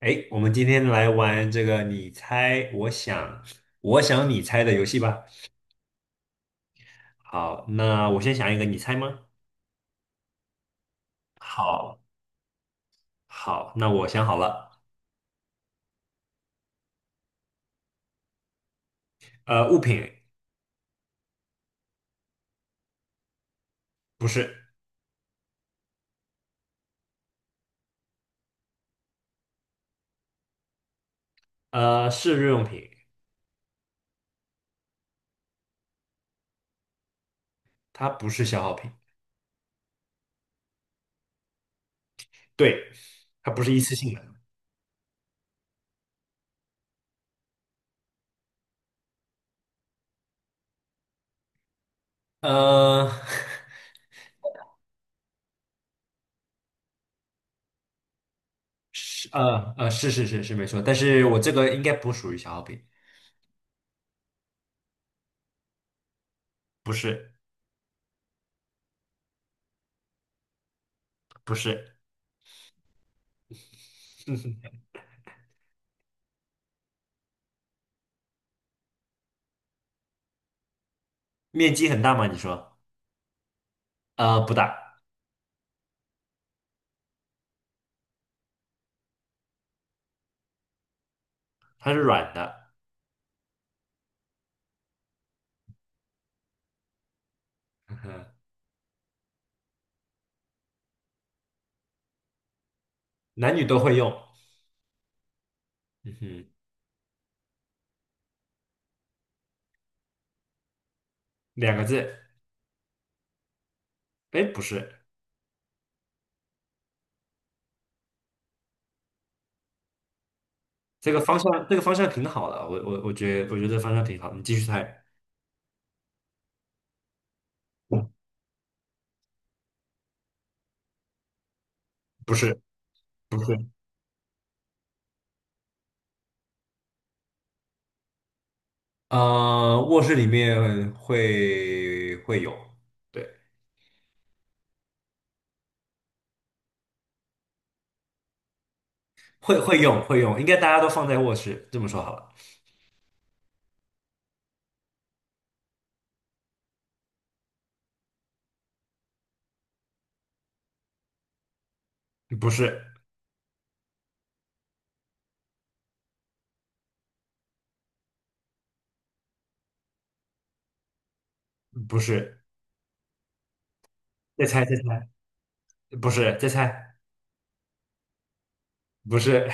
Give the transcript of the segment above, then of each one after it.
哎，我们今天来玩这个你猜我想，我想你猜的游戏吧。好，那我先想一个，你猜吗？好，好，那我想好了。物品。不是，是日用品，它不是消耗品，对，它不是一次性的。呃，是，是是是是没错，但是我这个应该不属于消耗品，不是，不是。面积很大吗？你说？不大，它是软的，嗯哼，男女都会用。嗯哼，两个字，哎，不是，这个方向挺好的，我觉得，我觉得这方向挺好，你继续猜，不是，不是，卧室里面会有，对，会用，应该大家都放在卧室，这么说好了，不是，不是，再猜再猜，不是，再猜，不是，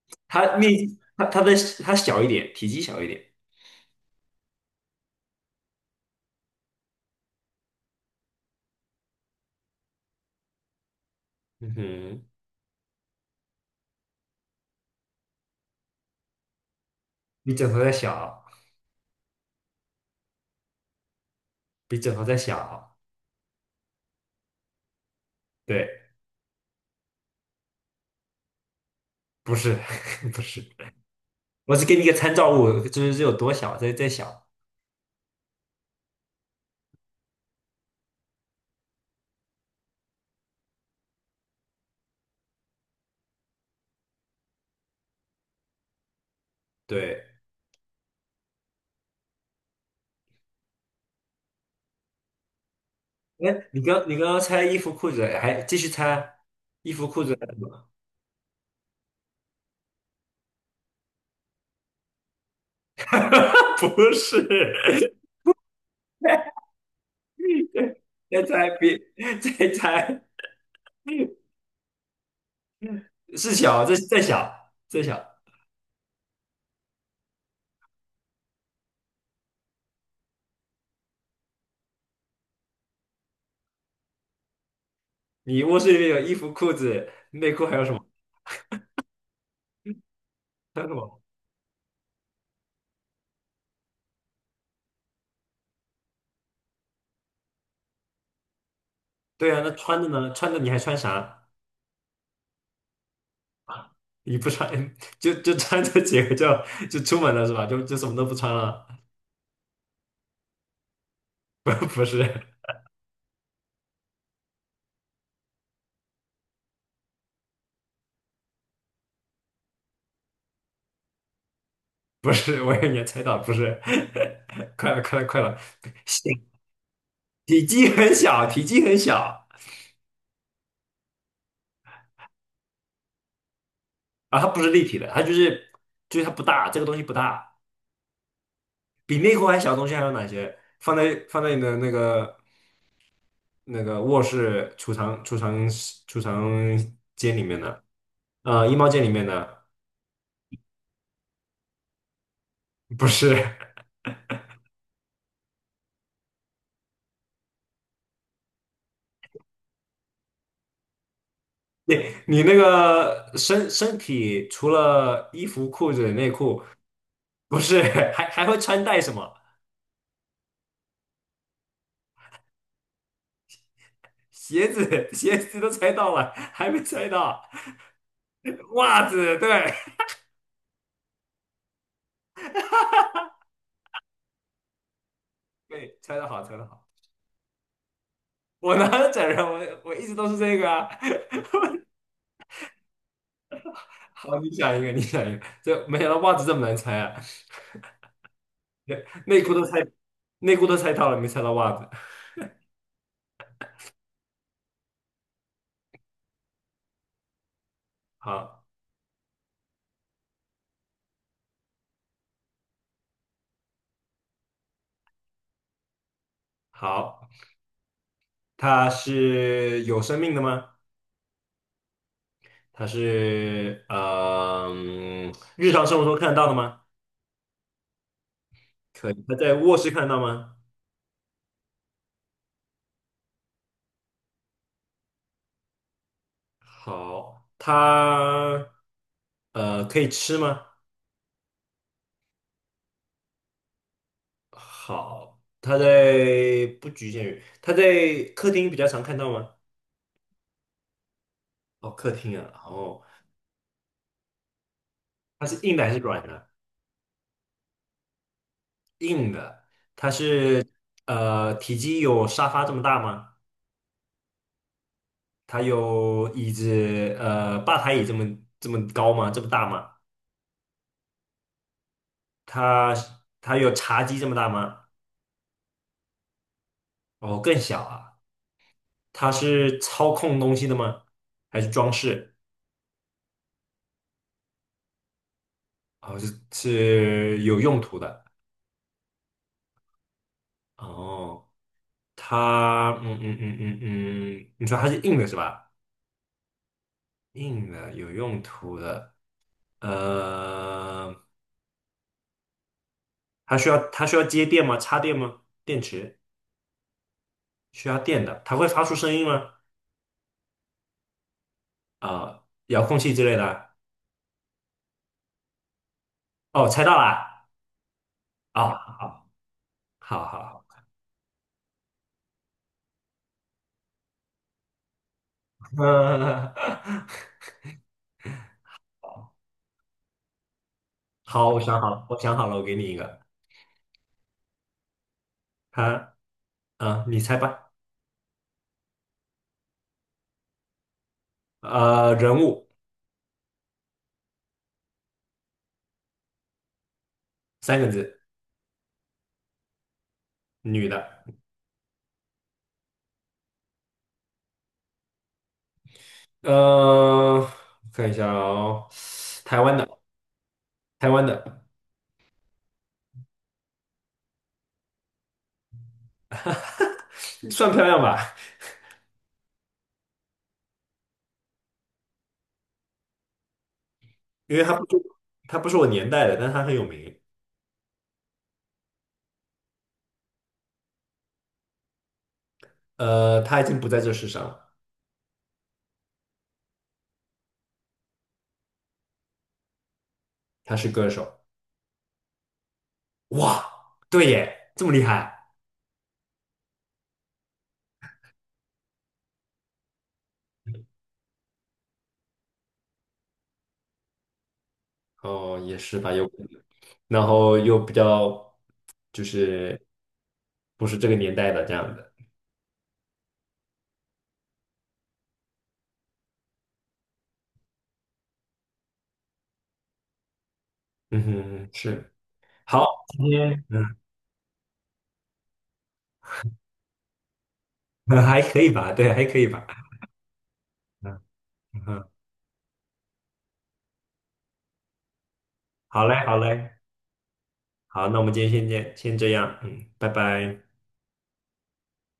它面积，它的它小一点，体积小一点，嗯哼，比枕头再小，比枕头再小，对，不是，不是。我只给你一个参照物，就是这有多小，再在小。对，哎，你刚刚猜衣服裤子，还继续猜衣服裤子，不是，再猜别再猜是小，这是再小再小。你卧室里面有衣服裤子，穿什么？对啊，那穿着呢？穿着你还穿啥？你不穿就穿这几个就出门了是吧？就什么都不穿了？不是，不是，我也猜到，不是，快了，快了，快了，体体积很小，体积很小。啊，它不是立体的，它就是它不大，这个东西不大，比内裤还小的东西还有哪些？放在你的那个卧室储藏间里面的，衣帽间里面的，不是，你你那个身体除了衣服、裤子、内裤，不是，还会穿戴什么？鞋子，鞋子都猜到了，还没猜到，袜子，对，对，猜得好，猜得好，我哪有整人，我一直都是这个啊。好，你想一个，你想一个，这没想到袜子这么难猜啊。内裤都猜，内裤都猜到了，没猜到袜子。好，好，它是有生命的吗？它是日常生活中看得到的吗？可以，它在卧室看得到吗？好，它可以吃吗？好，它在不局限于，它在客厅比较常看到吗？哦，客厅啊，哦，它是硬的还是软的？硬的，它是体积有沙发这么大吗？它有椅子吧台椅这么高吗？这么大吗？它它有茶几这么大吗？哦，更小啊。它是操控东西的吗？还是装饰？哦，是是有用途的。哦，它，你说它是硬的是吧？硬的，有用途的。呃，它需要接电吗？插电吗？电池需要电的，它会发出声音吗？啊、遥控器之类的啊。哦，猜到啦！哦，好，好，好，好，好，我想好了，我想好了，我给你一个。它，嗯，你猜吧。人物三个字，女的。呃，看一下哦，台湾的。台湾的算漂亮吧，因为它不是我年代的，但它很有名。他已经不在这世上了，他是歌手。哇，对耶，这么厉害。哦，也是吧，有可能。然后又比较就是不是这个年代的这样的。嗯哼，是。好，今天还可以吧，对，还可以吧。嗯嗯，好嘞，好嘞，好，那我们今天先这样，嗯，拜拜。